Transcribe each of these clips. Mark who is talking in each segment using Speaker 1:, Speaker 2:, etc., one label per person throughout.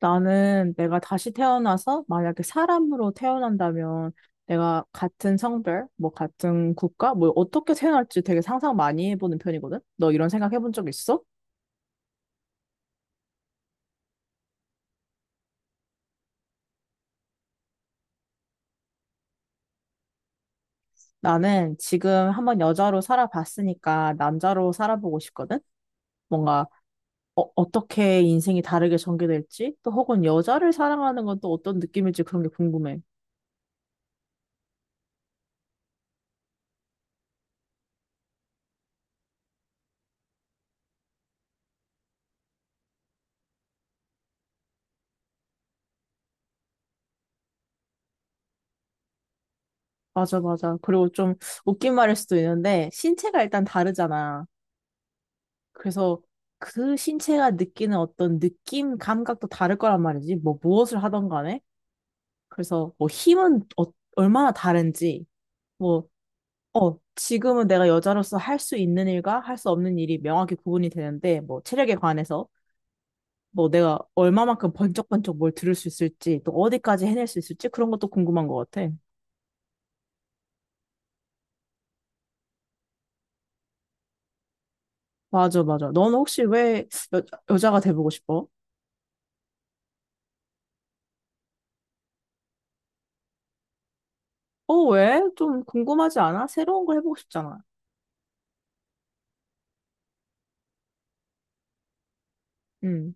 Speaker 1: 나는 내가 다시 태어나서 만약에 사람으로 태어난다면 내가 같은 성별, 뭐 같은 국가, 뭐 어떻게 태어날지 되게 상상 많이 해보는 편이거든? 너 이런 생각 해본 적 있어? 나는 지금 한번 여자로 살아봤으니까 남자로 살아보고 싶거든? 뭔가 어떻게 인생이 다르게 전개될지, 또 혹은 여자를 사랑하는 건 또 어떤 느낌일지 그런 게 궁금해. 맞아, 맞아. 그리고 좀 웃긴 말일 수도 있는데 신체가 일단 다르잖아. 그래서 그 신체가 느끼는 어떤 느낌, 감각도 다를 거란 말이지. 뭐 무엇을 하던 간에. 그래서 뭐 힘은 얼마나 다른지, 뭐, 지금은 내가 여자로서 할 수 있는 일과 할 수 없는 일이 명확히 구분이 되는데, 뭐 체력에 관해서 뭐 내가 얼마만큼 번쩍번쩍 뭘 들을 수 있을지, 또 어디까지 해낼 수 있을지 그런 것도 궁금한 것 같아. 맞아, 맞아. 넌 혹시 왜 여, 여자가 돼보고 싶어? 왜? 좀 궁금하지 않아? 새로운 걸 해보고 싶잖아. 음,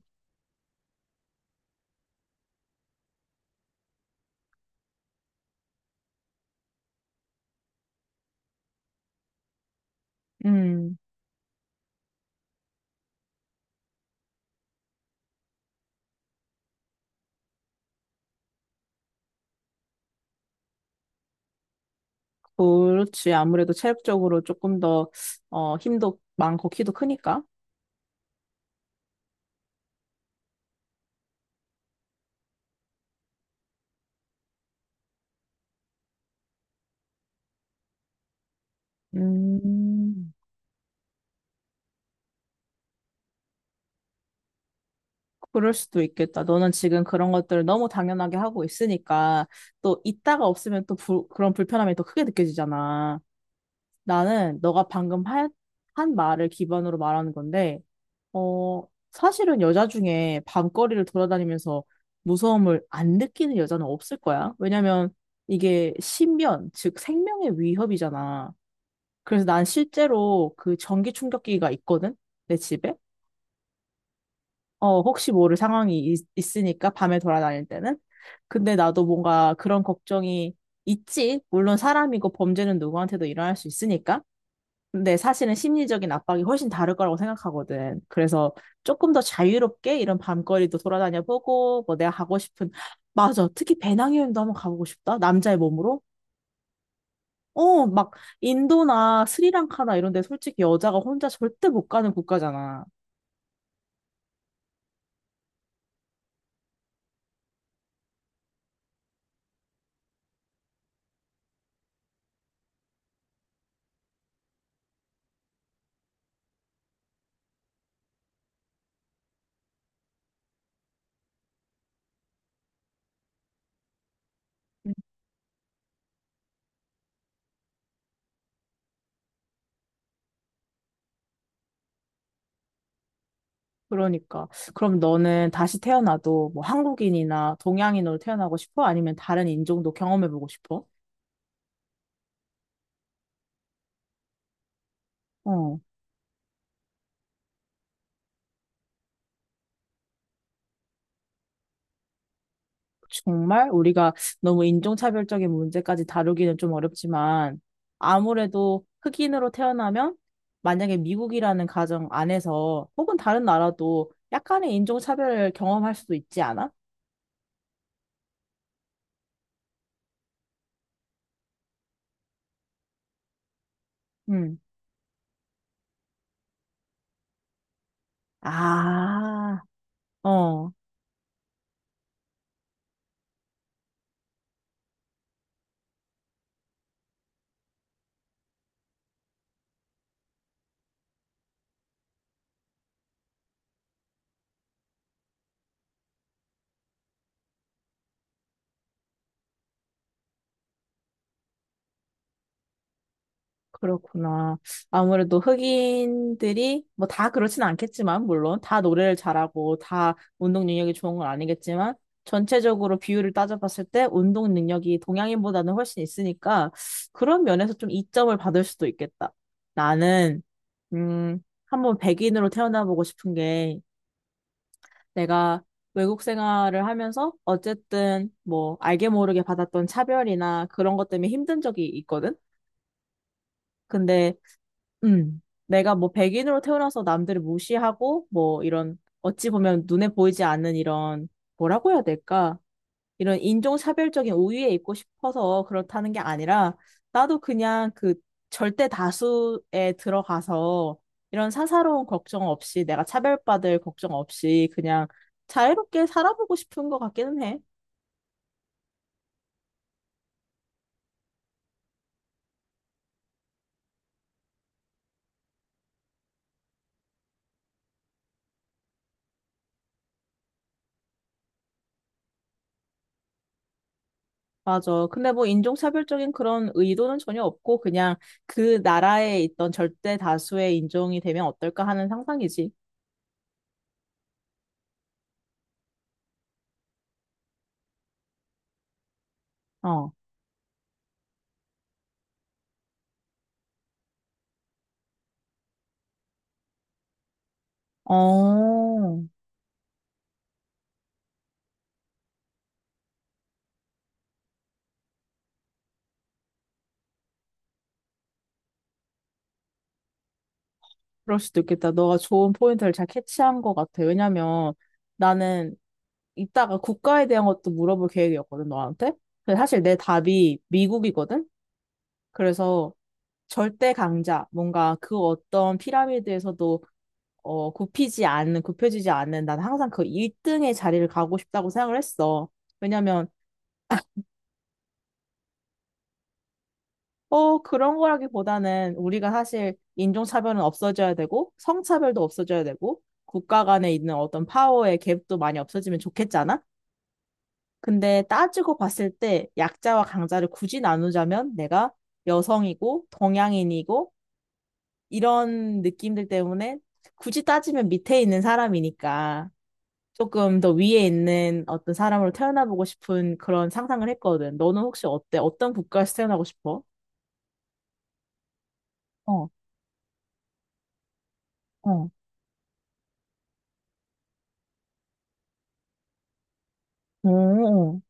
Speaker 1: 음. 그렇지. 아무래도 체력적으로 조금 더, 힘도 많고 키도 크니까. 음, 그럴 수도 있겠다. 너는 지금 그런 것들을 너무 당연하게 하고 있으니까 또 있다가 없으면 또 그런 불편함이 더 크게 느껴지잖아. 나는 너가 방금 한 말을 기반으로 말하는 건데, 어, 사실은 여자 중에 밤거리를 돌아다니면서 무서움을 안 느끼는 여자는 없을 거야. 왜냐면 이게 신변, 즉 생명의 위협이잖아. 그래서 난 실제로 그 전기 충격기가 있거든? 내 집에? 혹시 모를 상황이 있으니까 밤에 돌아다닐 때는. 근데 나도 뭔가 그런 걱정이 있지. 물론 사람이고 범죄는 누구한테도 일어날 수 있으니까. 근데 사실은 심리적인 압박이 훨씬 다를 거라고 생각하거든. 그래서 조금 더 자유롭게 이런 밤거리도 돌아다녀 보고, 뭐 내가 가고 싶은, 맞아. 특히 배낭여행도 한번 가보고 싶다. 남자의 몸으로. 막 인도나 스리랑카나 이런 데 솔직히 여자가 혼자 절대 못 가는 국가잖아. 음. 그러니까. 그럼 너는 다시 태어나도 뭐 한국인이나 동양인으로 태어나고 싶어? 아니면 다른 인종도 경험해보고 싶어? 어, 정말 우리가 너무 인종차별적인 문제까지 다루기는 좀 어렵지만 아무래도 흑인으로 태어나면 만약에 미국이라는 가정 안에서 혹은 다른 나라도 약간의 인종차별을 경험할 수도 있지 않아? 음. 아. 어, 그렇구나. 아무래도 흑인들이, 뭐 다 그렇진 않겠지만, 물론 다 노래를 잘하고 다 운동 능력이 좋은 건 아니겠지만, 전체적으로 비율을 따져봤을 때 운동 능력이 동양인보다는 훨씬 있으니까, 그런 면에서 좀 이점을 받을 수도 있겠다. 나는, 음, 한번 백인으로 태어나보고 싶은 게, 내가 외국 생활을 하면서 어쨌든 뭐 알게 모르게 받았던 차별이나 그런 것 때문에 힘든 적이 있거든? 근데 음, 내가 뭐 백인으로 태어나서 남들을 무시하고 뭐 이런 어찌 보면 눈에 보이지 않는 이런 뭐라고 해야 될까? 이런 인종차별적인 우위에 있고 싶어서 그렇다는 게 아니라 나도 그냥 그 절대 다수에 들어가서 이런 사사로운 걱정 없이 내가 차별받을 걱정 없이 그냥 자유롭게 살아보고 싶은 것 같기는 해. 맞아. 근데 뭐 인종차별적인 그런 의도는 전혀 없고 그냥 그 나라에 있던 절대 다수의 인종이 되면 어떨까 하는 상상이지. 어. 어. 그럴 수도 있겠다. 너가 좋은 포인트를 잘 캐치한 것 같아. 왜냐면 나는 이따가 국가에 대한 것도 물어볼 계획이었거든, 너한테. 근데 사실 내 답이 미국이거든? 그래서 절대 강자, 뭔가 그 어떤 피라미드에서도 굽히지 않는, 굽혀지지 않는, 난 항상 그 1등의 자리를 가고 싶다고 생각을 했어. 왜냐면, 그런 거라기보다는 우리가 사실 인종차별은 없어져야 되고, 성차별도 없어져야 되고, 국가 간에 있는 어떤 파워의 갭도 많이 없어지면 좋겠잖아? 근데 따지고 봤을 때 약자와 강자를 굳이 나누자면 내가 여성이고, 동양인이고, 이런 느낌들 때문에 굳이 따지면 밑에 있는 사람이니까. 조금 더 위에 있는 어떤 사람으로 태어나보고 싶은 그런 상상을 했거든. 너는 혹시 어때? 어떤 국가에서 태어나고 싶어? 어, 어, 오,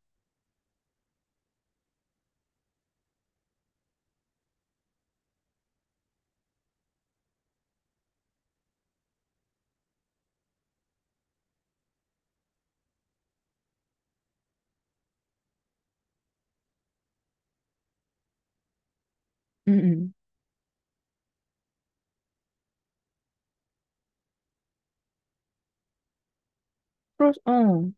Speaker 1: 응, 응. 그럴, 응.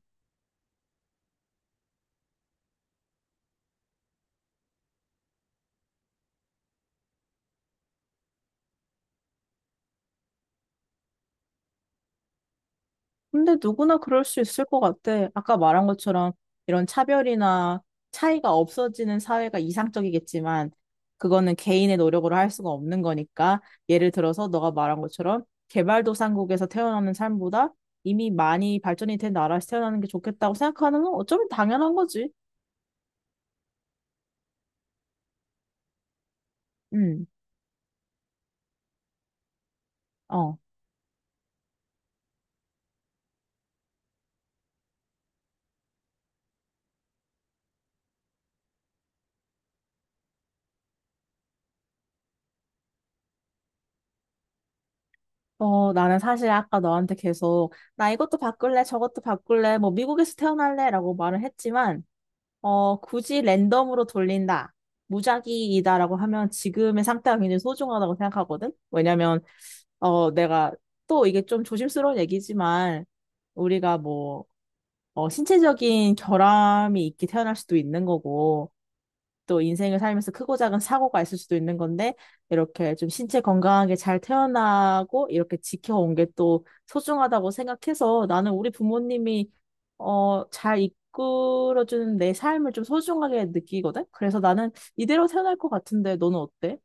Speaker 1: 근데 누구나 그럴 수 있을 것 같아. 아까 말한 것처럼 이런 차별이나 차이가 없어지는 사회가 이상적이겠지만, 그거는 개인의 노력으로 할 수가 없는 거니까, 예를 들어서 너가 말한 것처럼 개발도상국에서 태어나는 삶보다 이미 많이 발전이 된 나라에서 태어나는 게 좋겠다고 생각하는 건 어쩌면 당연한 거지. 음, 어. 나는 사실 아까 너한테 계속, 나 이것도 바꿀래, 저것도 바꿀래, 뭐, 미국에서 태어날래, 라고 말을 했지만, 굳이 랜덤으로 돌린다, 무작위이다라고 하면 지금의 상태가 굉장히 소중하다고 생각하거든? 왜냐면, 내가 또 이게 좀 조심스러운 얘기지만, 우리가 뭐, 신체적인 결함이 있게 태어날 수도 있는 거고, 또 인생을 살면서 크고 작은 사고가 있을 수도 있는 건데, 이렇게 좀 신체 건강하게 잘 태어나고, 이렇게 지켜온 게 또 소중하다고 생각해서 나는 우리 부모님이, 잘 이끌어주는 내 삶을 좀 소중하게 느끼거든? 그래서 나는 이대로 태어날 것 같은데, 너는 어때?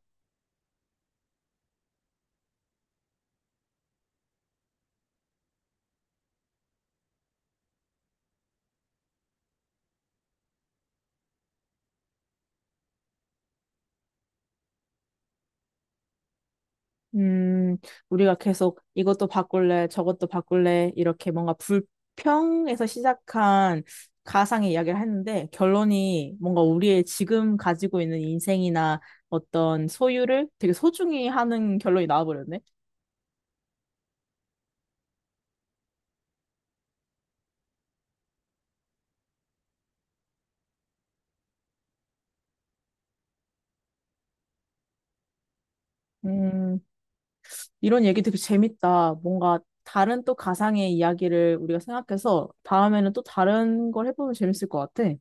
Speaker 1: 음, 우리가 계속 이것도 바꿀래, 저것도 바꿀래, 이렇게 뭔가 불평에서 시작한 가상의 이야기를 했는데, 결론이 뭔가 우리의 지금 가지고 있는 인생이나 어떤 소유를 되게 소중히 하는 결론이 나와버렸네. 음, 이런 얘기 되게 재밌다. 뭔가 다른 또 가상의 이야기를 우리가 생각해서 다음에는 또 다른 걸 해보면 재밌을 것 같아.